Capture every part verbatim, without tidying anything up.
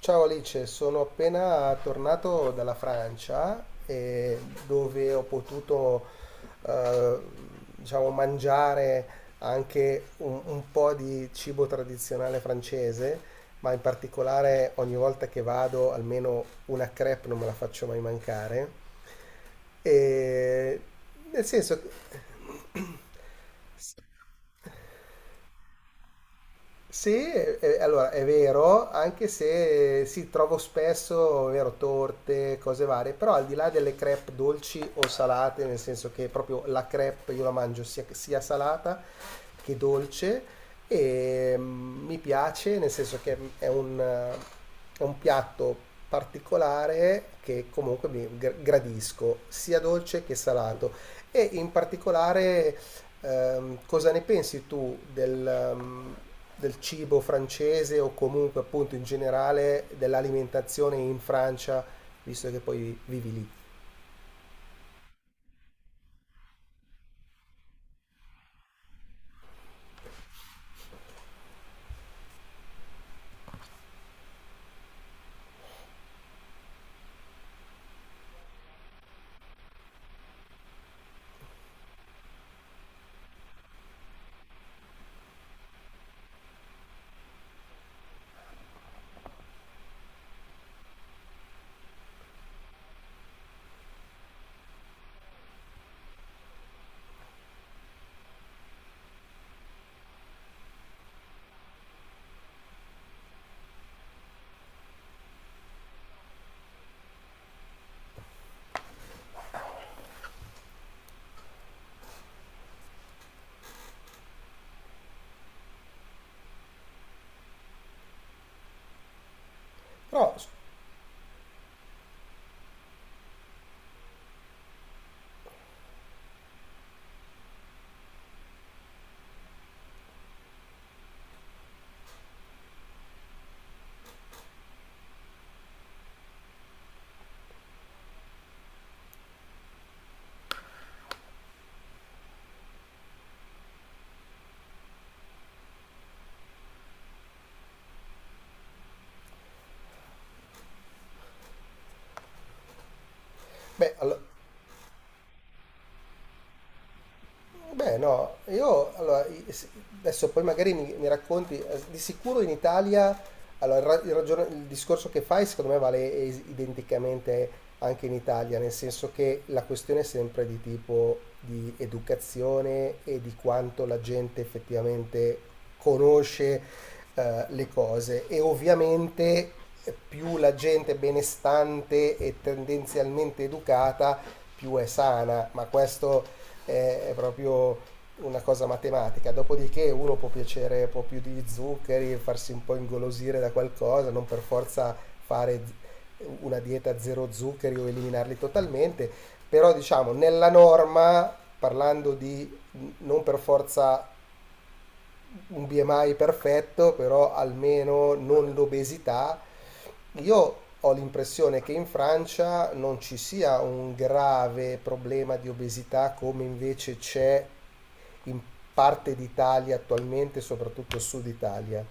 Ciao Alice, sono appena tornato dalla Francia e dove ho potuto eh, diciamo, mangiare anche un, un po' di cibo tradizionale francese, ma in particolare ogni volta che vado almeno una crepe non me la faccio mai mancare. E nel senso, sì, eh, allora è vero, anche se si trovo spesso, è vero, torte, cose varie, però al di là delle crepe dolci o salate, nel senso che proprio la crepe io la mangio sia, sia salata che dolce e mm, mi piace, nel senso che è un, eh, è un piatto particolare che comunque mi gr- gradisco, sia dolce che salato e in particolare. Ehm, cosa ne pensi tu del, ehm, del cibo francese o comunque appunto in generale dell'alimentazione in Francia, visto che poi vivi lì? Però s- Beh, allo- Beh, no, io allora, i- s- adesso poi magari mi, mi racconti, eh, di sicuro in Italia, allora, il, ra- il ragion- il discorso che fai secondo me vale es- identicamente anche in Italia, nel senso che la questione è sempre di tipo di educazione e di quanto la gente effettivamente conosce, eh, le cose e ovviamente, eh, più la gente è benestante e tendenzialmente educata, più è sana, ma questo è, è proprio una cosa matematica, dopodiché uno può piacere un po' più di zuccheri, farsi un po' ingolosire da qualcosa, non per forza fare z- una dieta zero zuccheri o eliminarli totalmente, però diciamo nella norma, parlando di mh, non per forza un B M I perfetto, però almeno non l'obesità. Io ho l'impressione che in Francia non ci sia un grave problema di obesità come invece c'è in parte d'Italia attualmente, soprattutto sud Italia.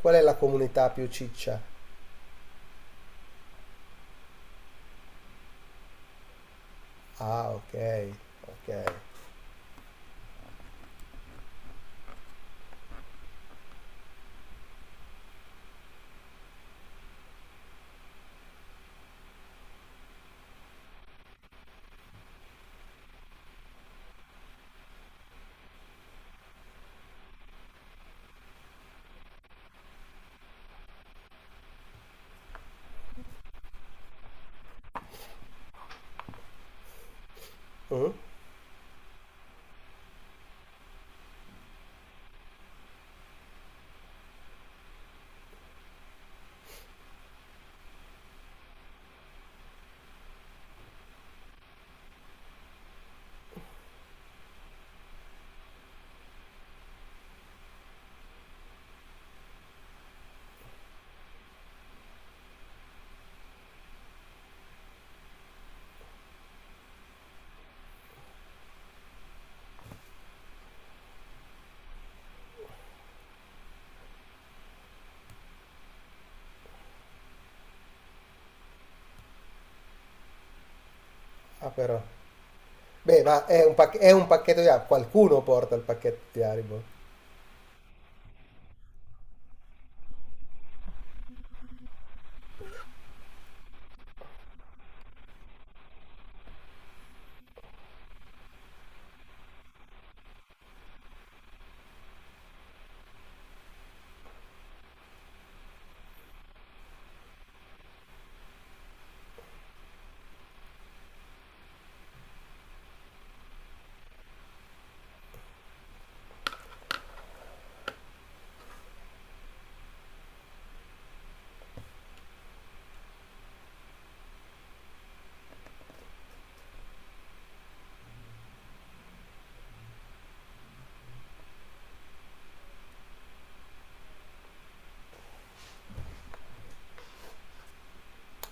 Qual è la comunità più ciccia? Ah, ok, ok. Mm? Ah, però. Beh, ma è un, pac- è un pacchetto di Haribo. Qualcuno porta il pacchetto di Haribo.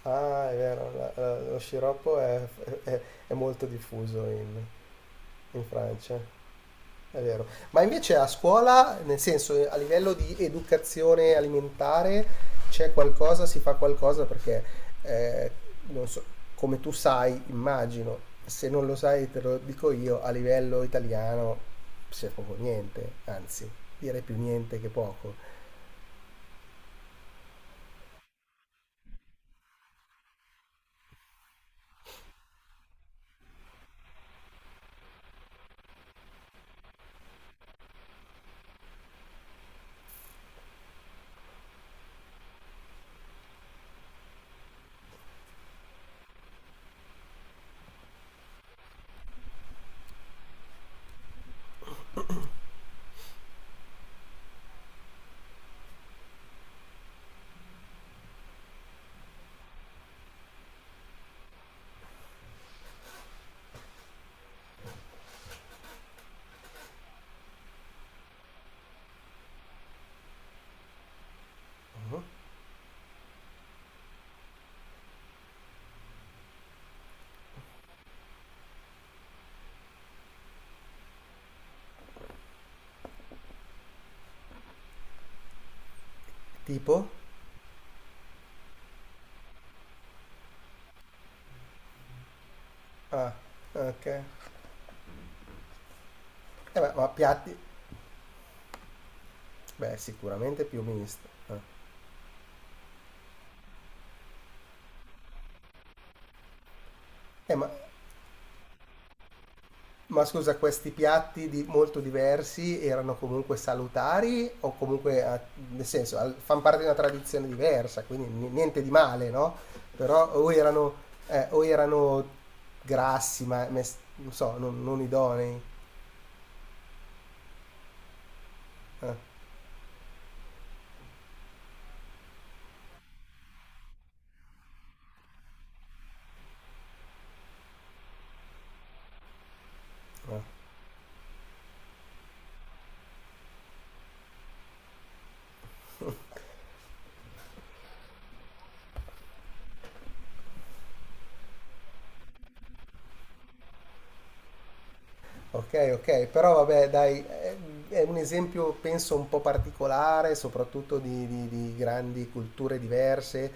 Ah, è vero, la- la- lo sciroppo è, è- è molto diffuso in, in Francia. È vero. Ma invece a scuola, nel senso, eh, a livello di educazione alimentare, c'è qualcosa, si fa qualcosa perché, eh, non so, come tu sai, immagino, se non lo sai te lo dico io, a livello italiano c'è poco niente, anzi, direi più niente che poco. Mhm. Tipo? Ah, ok. Eh, ma, ma piatti? Beh, sicuramente più misto. Ah. Eh, ma ma scusa, questi piatti di- molto diversi erano comunque salutari o comunque, ah, nel senso, al- fanno parte di una tradizione diversa, quindi ni- niente di male, no? Però o erano, eh, o erano grassi, ma mes- non so, non, non idonei. Eh. Ok, ok, però vabbè, dai, è, è un esempio penso un po' particolare, soprattutto di, di- di grandi culture diverse.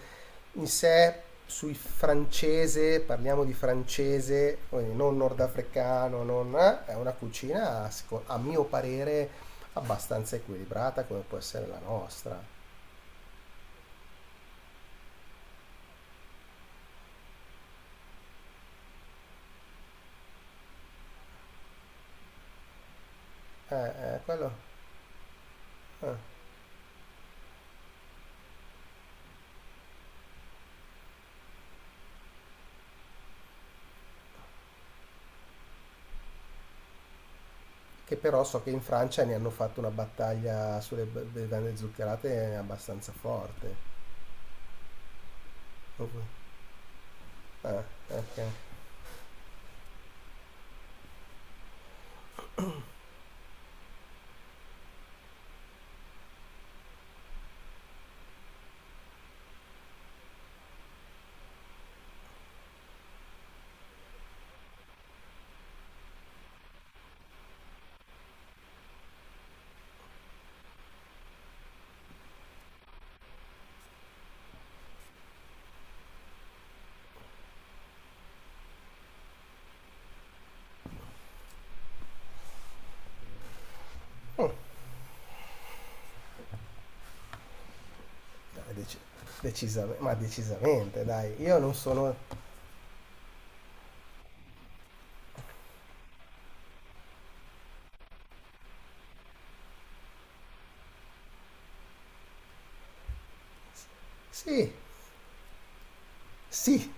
In sé, sui francese, parliamo di francese, quindi non nordafricano, non, eh, è una cucina, seco- a mio parere, abbastanza equilibrata come può essere la nostra. Eh, eh, quello, eh. Che però so che in Francia ne hanno fatto una battaglia sulle be- bevande zuccherate abbastanza forte. Ah, ok. Dai, dec- decisam- ma decisamente, dai. Io non sono... Sì, sì,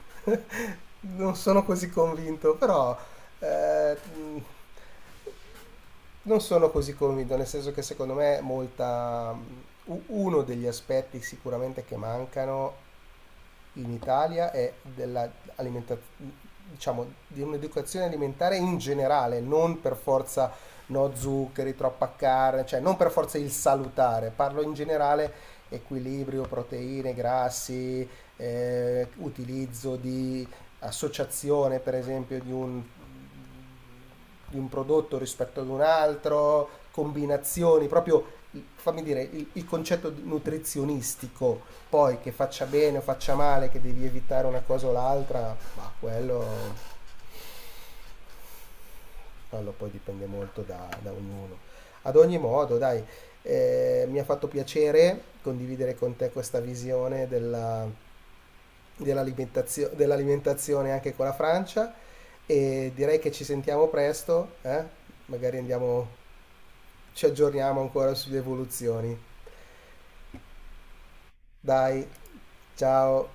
non sono così convinto, però eh, mh, non sono così convinto, nel senso che secondo me molta... mh, u- uno degli aspetti sicuramente che mancano in Italia è dell'alimentazione, diciamo, di un'educazione alimentare in generale, non per forza no zuccheri, troppa carne, cioè non per forza il salutare, parlo in generale equilibrio, proteine, grassi, eh, utilizzo di associazione per esempio di un di un prodotto rispetto ad un altro, combinazioni, proprio fammi dire il, il concetto nutrizionistico, poi che faccia bene o faccia male, che devi evitare una cosa o l'altra, ma quello, quello poi dipende molto da, da ognuno. Ad ogni modo, dai, eh, mi ha fatto piacere condividere con te questa visione della, dell'alimentazio- dell'alimentazione anche con la Francia e direi che ci sentiamo presto, eh? Magari andiamo ci aggiorniamo ancora sulle evoluzioni. Dai, ciao!